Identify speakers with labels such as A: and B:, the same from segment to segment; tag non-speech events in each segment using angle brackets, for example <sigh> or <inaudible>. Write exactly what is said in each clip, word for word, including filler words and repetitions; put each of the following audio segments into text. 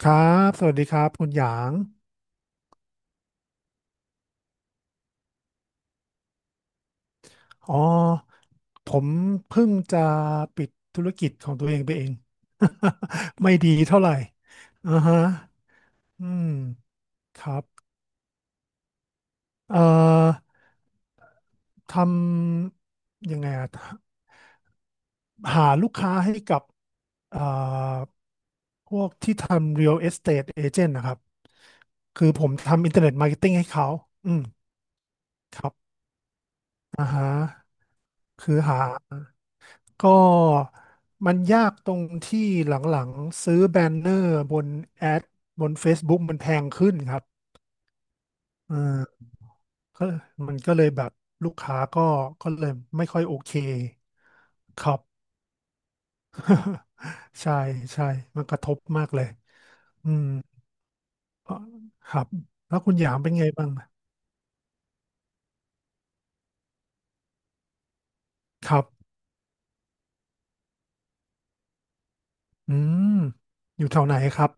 A: ครับ สวัสดีครับคุณหยาง อ๋อ ผมเพิ่งจะปิดธุรกิจของตัวเองไปเอง <laughs> ไม่ดีเท่าไหร่อ่าฮะอืม ครับ เอ่อ ทำยังไงอะหาลูกค้าให้กับ เอ่อพวกที่ทำ real estate agent นะครับ คือผมทำ internet marketing ให้เขา อืมอ่าฮะคือหา ก็มันยากตรงที่หลังๆซื้อแบนเนอร์บนแอดบน Facebook มันแพงขึ้นครับเออก็มันก็เลยแบบลูกค้าก็ก็เลยไม่ค่อยโอเคครับ <laughs> ใช่ใช่มันกระทบมากเลยอืมเพราะครับแล้วคุณหยามเป็นไงบ้างครับอืมอยู่แถวไหนครับ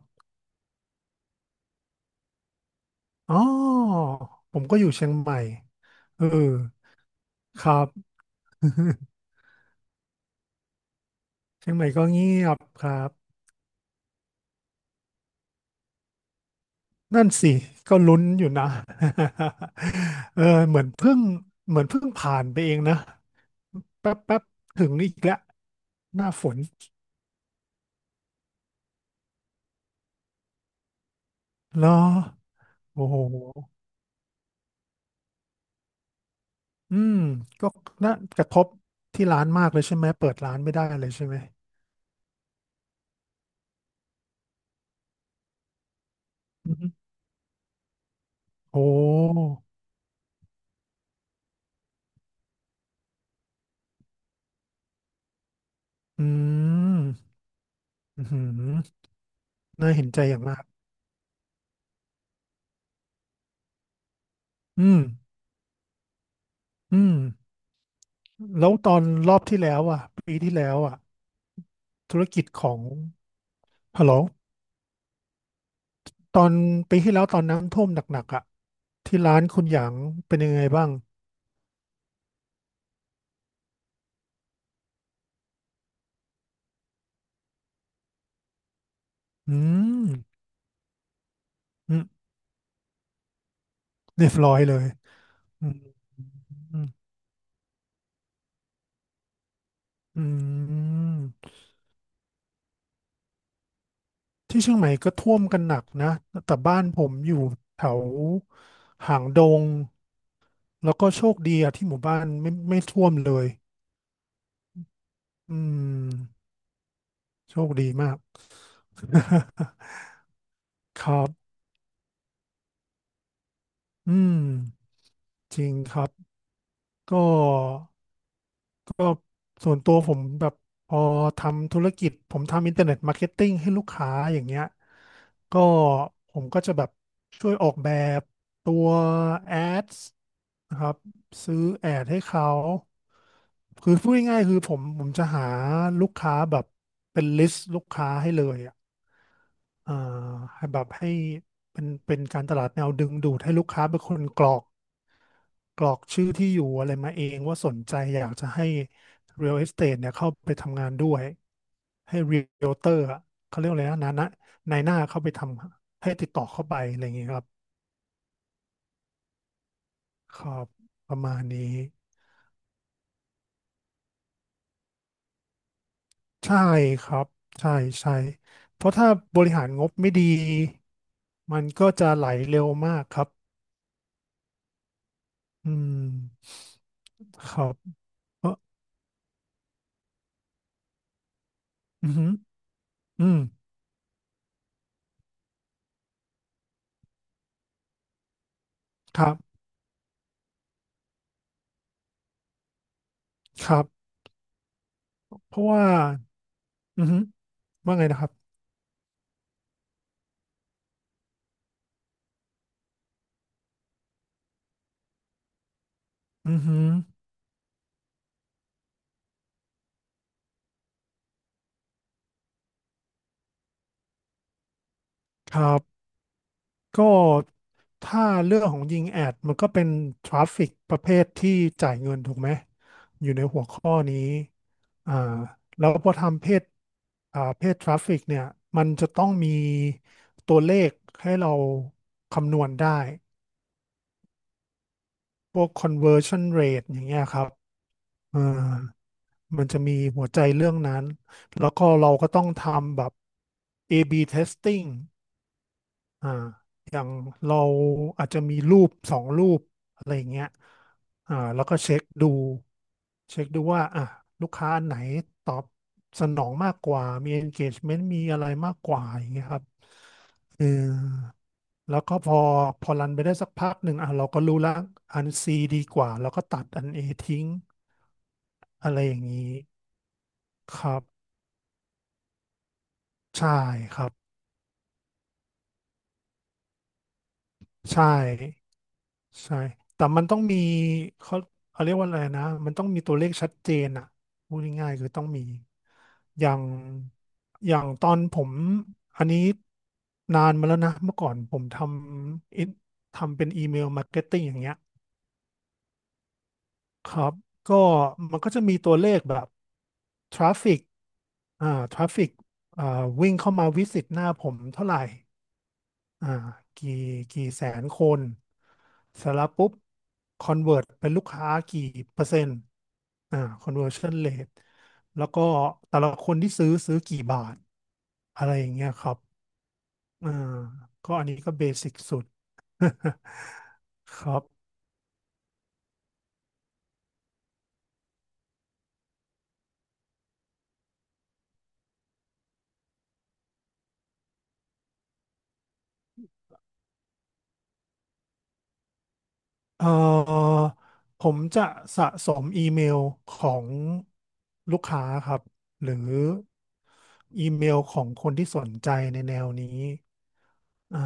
A: อ๋อผมก็อยู่เชียงใหม่เออครับ <laughs> เชียงใหม่ก็เงียบครับนั่นสิก็ลุ้นอยู่นะ <laughs> เออเหมือนเพิ่งเหมือนเพิ่งผ่านไปเองนะแป๊บแป๊บถึงอีกแล้วหน้าฝนเหรอโอ้โหอืมก็น่ากระทบที่ร้านมากเลยใช่ไหมเปิดร้านไม่ได้เลยใช่ไหมอือฮึโอ้อืมอือหือน่าเห็นใจอย่างมากอืมอืมแล้วตอนรอบที่แล้วอ่ะปีที่แล้วอ่ะธุรกิจของฮัลโหล ตอนปีที่แล้วตอนน้ำท่วมหนักๆอ่ะที่ร้านคุณหยางเป็นยังไงบ้างอืมอืมเรียบร้อยเลยอืมอืมอืมที่เชียงใหม่ก็ท่วมกันหนักนะแต่บ้านผมอยู่แถวหางดงแล้วก็โชคดีอะที่หมู่บ้านไม่ไม่ท่วมเลยอืมโชคดีมาก <laughs> ครับอืมจริงครับก็ ส่วนตัวผมแบบพอทำธุรกิจผมทำอินเทอร์เน็ตมาร์เก็ตติ้งให้ลูกค้าอย่างเงี้ยก็ผมก็จะแบบช่วยออกแบบตัวแอดนะครับซื้อแอดให้เขาคือพูดง่ายๆคือผมผมจะหาลูกค้าแบบเป็นลิสต์ลูกค้าให้เลยอะ อ่าให้แบบให้เป็นเป็นการตลาดแนวดึงดูดให้ลูกค้าเป็นคนกรอกกรอกชื่อที่อยู่อะไรมาเองว่าสนใจอยากจะให้ Real Estate เนี่ยเข้าไปทำงานด้วยให้ Realtor อะเขาเรียกอะไรนะนะนะนายหน้าเข้าไปทำให้ติดต่อเข้าไปอะไรอย่างเงี้ยครับครับประมาณนี้ใช่ครับใช่ใช่เพราะถ้าบริหารงบไม่ดีมันก็จะไหลเร็วมากครับอืมครับเอออืม อืมครับครับเพราะว่าอือฮึว่าไงนะครับอือฮึครับก็ถ้าเรื่องของยิงแอดมันก็เป็นทราฟฟิกประเภทที่จ่ายเงินถูกไหมอยู่ในหัวข้อนี้อ่าแล้วพอทำเพจอ่าเพจทราฟฟิกเนี่ยมันจะต้องมีตัวเลขให้เราคำนวณได้พวก conversion rate อย่างเงี้ยครับอ่า มันจะมีหัวใจเรื่องนั้น แล้วก็เราก็ต้องทำแบบ A/B testing อ่าอย่างเราอาจจะมีรูปสองรูปอะไรอย่างเงี้ยอ่าแล้วก็เช็คดูเช็คดูว่าอ่ะลูกค้าอันไหนตอบสนองมากกว่า มี engagement มีอะไรมากกว่าอย่างเงี้ยครับเออแล้วก็พอพอรันไปได้สักพักหนึ่งอ่ะเราก็รู้ละอัน C ดีกว่าแล้วก็ตัดอัน A ทิ้งอะไรอย่างนี้ครับ ใช่ครับ ใช่ใช่แต่มันต้องมีเขาเขาเรียกว่าอะไรนะมันต้องมีตัวเลขชัดเจนอ่ะพูดง่ายๆคือต้องมีอย่างอย่างตอนผมอันนี้นานมาแล้วนะเมื่อก่อนผมทำอินทำเป็นอีเมลมาร์เก็ตติ้งอย่างเงี้ยครับก็มันก็จะมีตัวเลขแบบทราฟิกอ่าทราฟิกอ่าวิ่งเข้ามาวิสิตหน้าผมเท่าไหร่ อ่ากี่กี่แสนคนเสร็จแล้วปุ๊บคอนเวิร์ตเป็นลูกค้ากี่เปอร์เซ็นต์อ่า conversion rate แล้วก็แต่ละคนที่ซื้อซื้อกี่บาทอะไรอย่างเงี้ยครับอ่าก็อันนี้ก็เบสิกสุด <laughs> ครับ เอ่อผมจะสะสมอีเมลของลูกค้าครับหรืออีเมลของคนที่สนใจในแนวนี้อ่า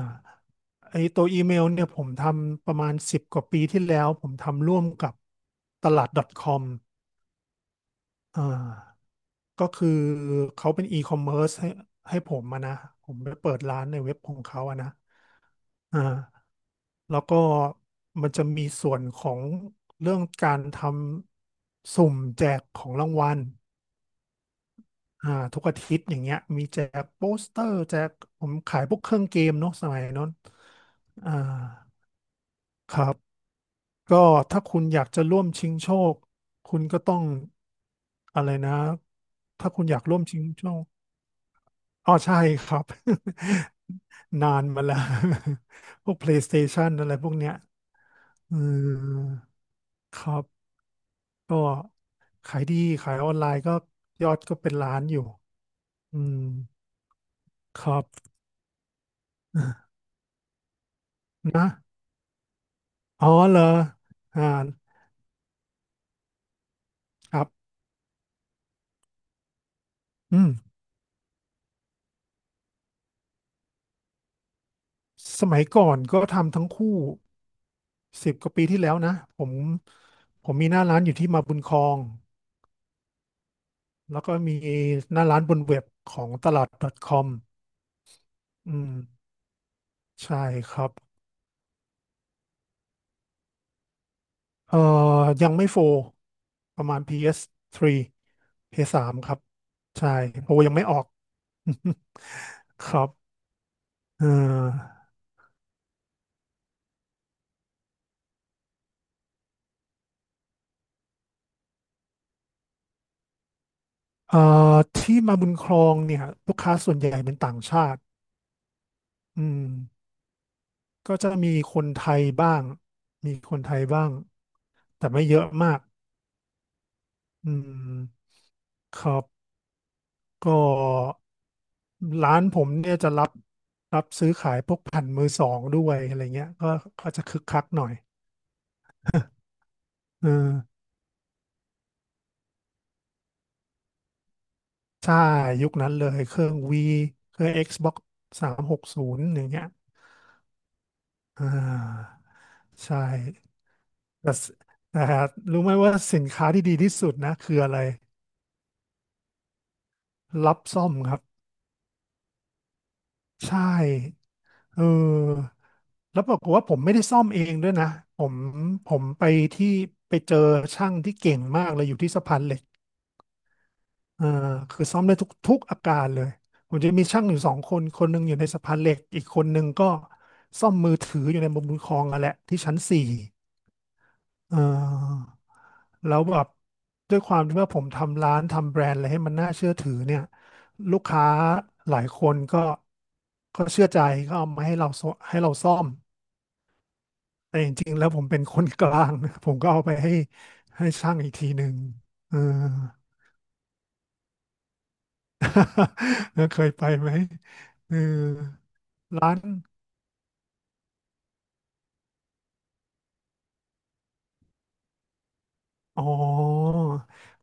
A: ไอตัวอีเมลเนี่ยผมทำประมาณสิบกว่าปีที่แล้วผมทำร่วมกับตลาด .com อ่าก็คือเขาเป็นอีคอมเมิร์ซให้ให้ผมมานะผมไปเปิดร้านในเว็บของเขาอะนะ อ่าแล้วก็มันจะมีส่วนของเรื่องการทำสุ่มแจกของรางวัลอ่าทุกอาทิตย์อย่างเงี้ยมีแจกโปสเตอร์แจกผมขายพวกเครื่องเกมเนาะสมัยนั้นอ่าครับก็ถ้าคุณอยากจะร่วมชิงโชคคุณก็ต้องอะไรนะถ้าคุณอยากร่วมชิงโชคอ๋อใช่ครับ <laughs> นานมาแล้ว <laughs> พวก PlayStation อะไรพวกเนี้ยอืมครับ ก็ขายดีขายออนไลน์ก็ยอดก็เป็นล้านอยู่อืมครับ <laughs> นะอ๋อเหรออ่าครับอืมสมัยก่อนก็ทำทั้งคู่สิบกว่าปีที่แล้วนะผมผมมีหน้าร้านอยู่ที่มาบุญครองแล้วก็มีหน้าร้านบนเว็บของตลาด .com อืมใช่ครับเอ่อยังไม่โฟร์ประมาณ พี เอส ทรี พี เอส ทรี ครับใช่โฟร์ยังไม่ออก <laughs> ครับเออเอ่อที่มาบุญครองเนี่ยลูกค้าส่วนใหญ่เป็นต่างชาติอืมก็จะมีคนไทยบ้างมีคนไทยบ้างแต่ไม่เยอะมากอืมครับก็ร้านผมเนี่ยจะรับรับซื้อขายพวกแผ่นมือสองด้วยอะไรเงี้ยก็ก็จะคึกคักหน่อยเออใช่ยุคนั้นเลยเครื่องวีเครื่อง Xbox สามหกศูนย์อย่างเงี้ยอ่าใช่ แต่สแต่รู้ไหมว่าสินค้าที่ดีที่สุดนะคืออะไรรับซ่อมครับใช่เออแล้วปรากฏว่าผมไม่ได้ซ่อมเองด้วยนะผมผมไปที่ไปเจอช่างที่เก่งมากเลยอยู่ที่สะพานเหล็กเออคือซ่อมได้ทุกทุกอาการเลยผมจะมีช่างอยู่สองคนคนหนึ่งอยู่ในสะพานเหล็กอีกคนหนึ่งก็ซ่อมมือถืออยู่ในมุมบุญครองนั่นแหละที่ชั้นสี่เออ แล้วแบบด้วยความที่ว่าผมทำร้านทำแบรนด์อะไรให้มันน่าเชื่อถือเนี่ยลูกค้าหลายคนก็ก็เชื่อใจก็เอามาให้เราซ่อให้เราซ่อมแต่จริงๆแล้วผมเป็นคนกลาง <laughs> นะผมก็เอาไปให้ให้ช่างอีกทีหนึ่งเออ <laughs> แล้วเคยไปไหมเออร้านอ๋อ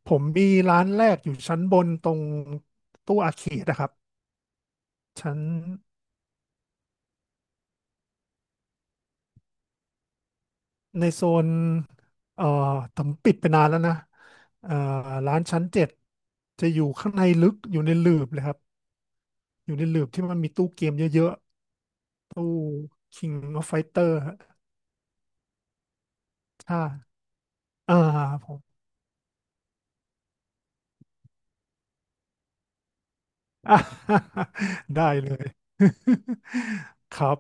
A: ผมมีร้านแรกอยู่ชั้นบนตรงตู้อาเขตนะครับชั้น ในโซนเอ่อผมปิดไปนานแล้วนะเอ่อร้านชั้นเจ็ดจะอยู่ข้างในลึกอยู่ในหลืบเลยครับอยู่ในหลืบที่มันมีตู้เกมเยอะๆตู้ King of Fighter ถ้าอ่าผม <laughs> อ่ะ <laughs> ได้เลย <laughs> ครับ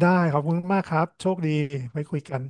A: ได้ขอบคุณมากครับโชคดีไว้คุยกัน